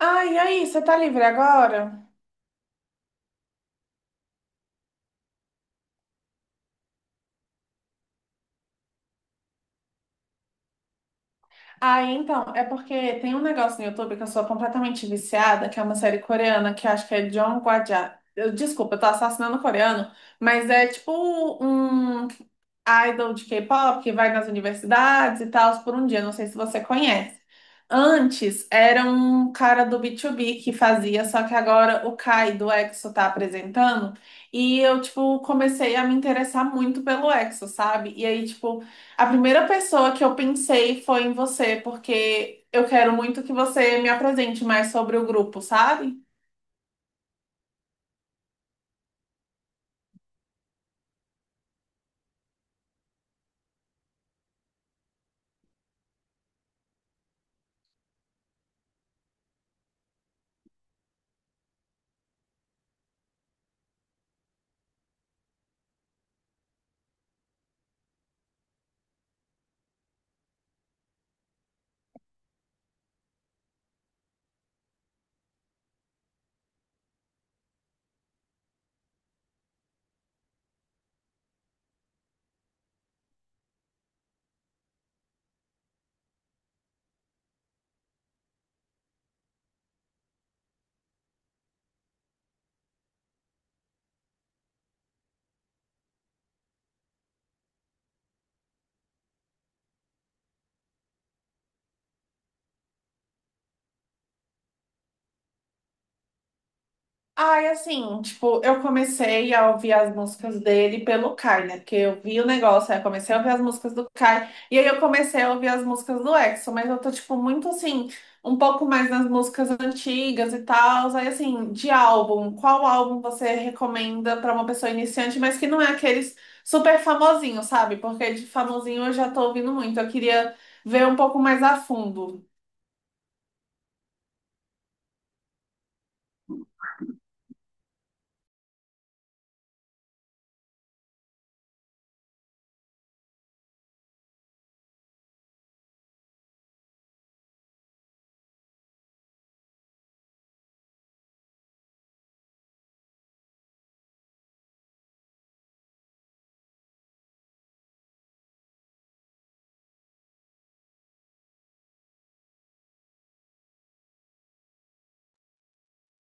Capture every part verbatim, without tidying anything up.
Ah, e aí, você tá livre agora? Ah, então, é porque tem um negócio no YouTube que eu sou completamente viciada, que é uma série coreana, que eu acho que é John Guajia. Eu, desculpa, eu tô assassinando coreano, mas é tipo um idol de K-pop que vai nas universidades e tal por um dia, não sei se você conhece. Antes era um cara do B dois B que fazia, só que agora o Kai do E X O tá apresentando. E eu, tipo, comecei a me interessar muito pelo E X O, sabe? E aí, tipo, a primeira pessoa que eu pensei foi em você, porque eu quero muito que você me apresente mais sobre o grupo, sabe? Ai, assim, tipo, eu comecei a ouvir as músicas dele pelo Kai, né? Porque eu vi o negócio, aí eu comecei a ouvir as músicas do Kai, e aí eu comecei a ouvir as músicas do E X O, mas eu tô, tipo, muito assim, um pouco mais nas músicas antigas e tal. Aí, assim, de álbum, qual álbum você recomenda pra uma pessoa iniciante, mas que não é aqueles super famosinhos, sabe? Porque de famosinho eu já tô ouvindo muito, eu queria ver um pouco mais a fundo.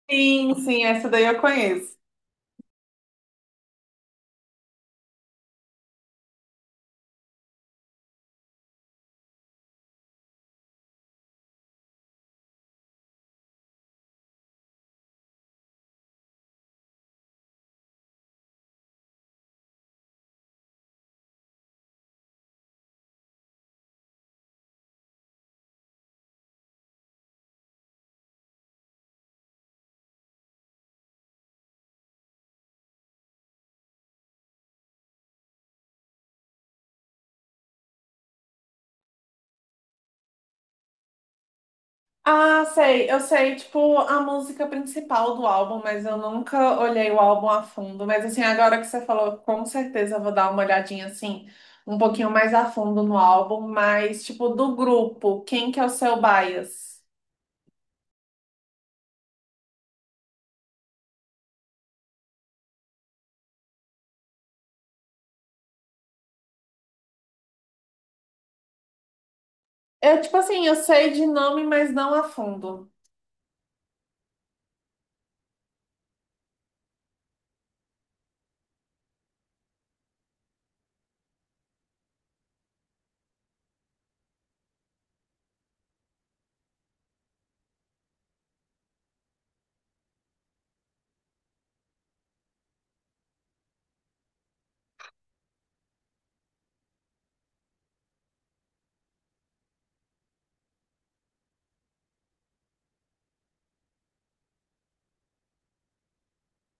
Sim, sim, essa daí eu conheço. Ah, sei, eu sei, tipo, a música principal do álbum, mas eu nunca olhei o álbum a fundo. Mas assim, agora que você falou, com certeza eu vou dar uma olhadinha assim, um pouquinho mais a fundo no álbum, mas tipo, do grupo, quem que é o seu bias? Eu, tipo assim, eu sei de nome, mas não a fundo.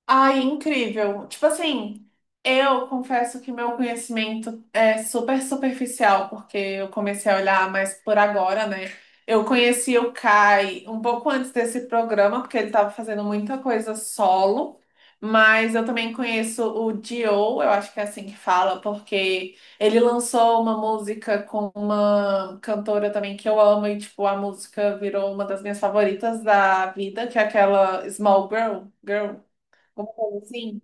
Ai, incrível. Tipo assim, eu confesso que meu conhecimento é super superficial, porque eu comecei a olhar mais por agora, né? Eu conheci o Kai um pouco antes desse programa, porque ele estava fazendo muita coisa solo, mas eu também conheço o Dio, eu acho que é assim que fala, porque ele lançou uma música com uma cantora também que eu amo, e tipo, a música virou uma das minhas favoritas da vida, que é aquela Small Girl, Girl. Alguma coisa assim?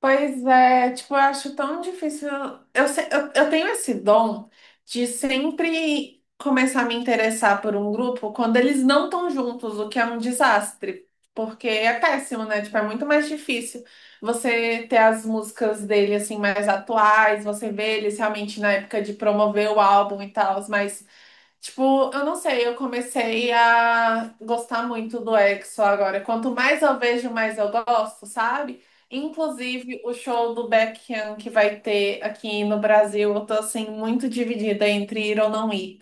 Pois é, tipo, eu acho tão difícil. Eu, se- eu, eu tenho esse dom de sempre começar a me interessar por um grupo quando eles não estão juntos, o que é um desastre. Porque é péssimo, né? Tipo, é muito mais difícil você ter as músicas dele, assim, mais atuais, você vê eles realmente na época de promover o álbum e tal, mas. Tipo, eu não sei, eu comecei a gostar muito do E X O agora. Quanto mais eu vejo, mais eu gosto, sabe? Inclusive, o show do Baekhyun que vai ter aqui no Brasil, eu tô assim muito dividida entre ir ou não ir.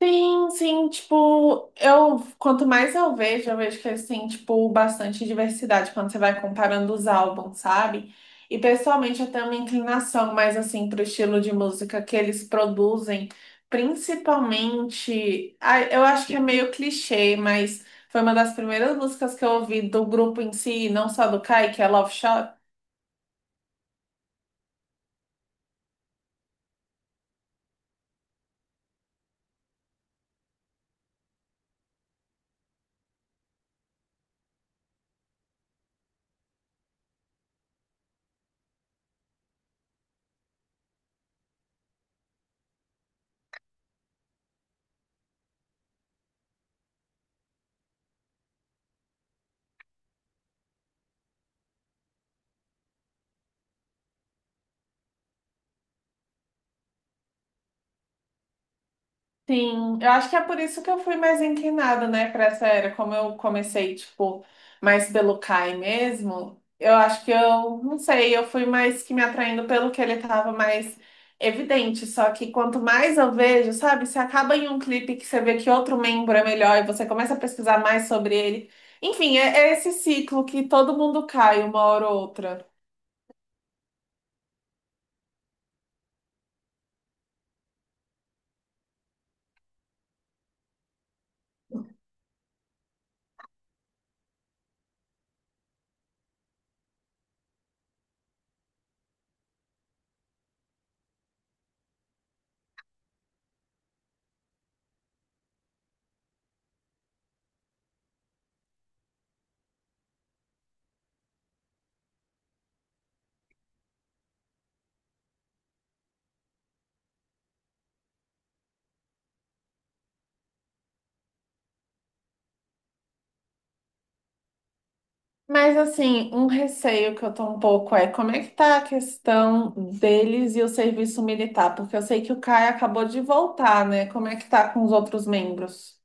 Sim, sim, tipo, eu quanto mais eu vejo, eu vejo que eles têm, tipo, bastante diversidade quando você vai comparando os álbuns, sabe? E pessoalmente eu tenho uma inclinação mais assim pro estilo de música que eles produzem, principalmente, ah, eu acho que é meio clichê, mas foi uma das primeiras músicas que eu ouvi do grupo em si, não só do Kai, que é Love Shot. Sim, eu acho que é por isso que eu fui mais inclinada, né, para essa era. Como eu comecei, tipo, mais pelo Kai mesmo, eu acho que eu, não sei, eu fui mais que me atraindo pelo que ele tava mais evidente. Só que quanto mais eu vejo, sabe, você acaba em um clipe que você vê que outro membro é melhor e você começa a pesquisar mais sobre ele. Enfim, é, é esse ciclo que todo mundo cai uma hora ou outra. Mas assim, um receio que eu tô um pouco é como é que tá a questão deles e o serviço militar, porque eu sei que o Caio acabou de voltar, né? Como é que tá com os outros membros?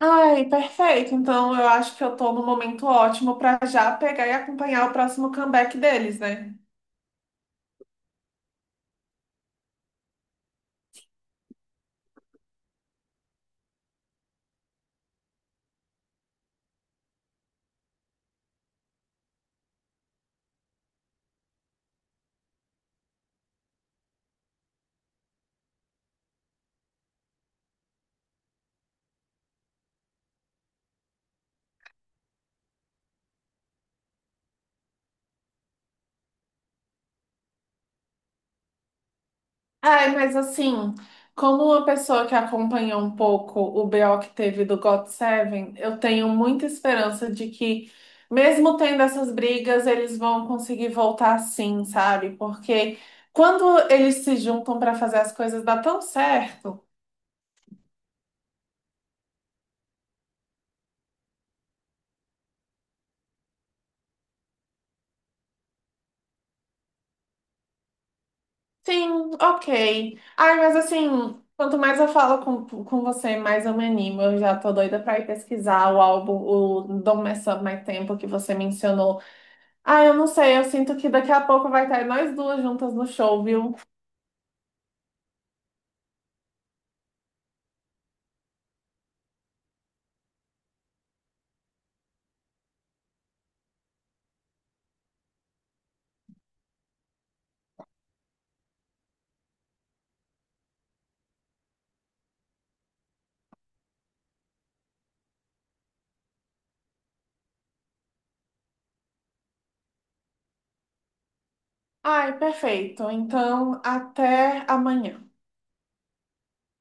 Ai, perfeito. Então eu acho que eu tô no momento ótimo pra já pegar e acompanhar o próximo comeback deles, né? Ai, mas assim, como uma pessoa que acompanhou um pouco o B O que teve do God Seven, eu tenho muita esperança de que, mesmo tendo essas brigas, eles vão conseguir voltar sim, sabe? Porque quando eles se juntam para fazer as coisas, dá tão certo. Sim, ok. Ai, mas assim, quanto mais eu falo com, com você, mais eu me animo. Eu já tô doida pra ir pesquisar o álbum, o Don't Mess Up My Tempo, que você mencionou. Ah, eu não sei, eu sinto que daqui a pouco vai estar nós duas juntas no show, viu? Ai, perfeito. Então, até amanhã.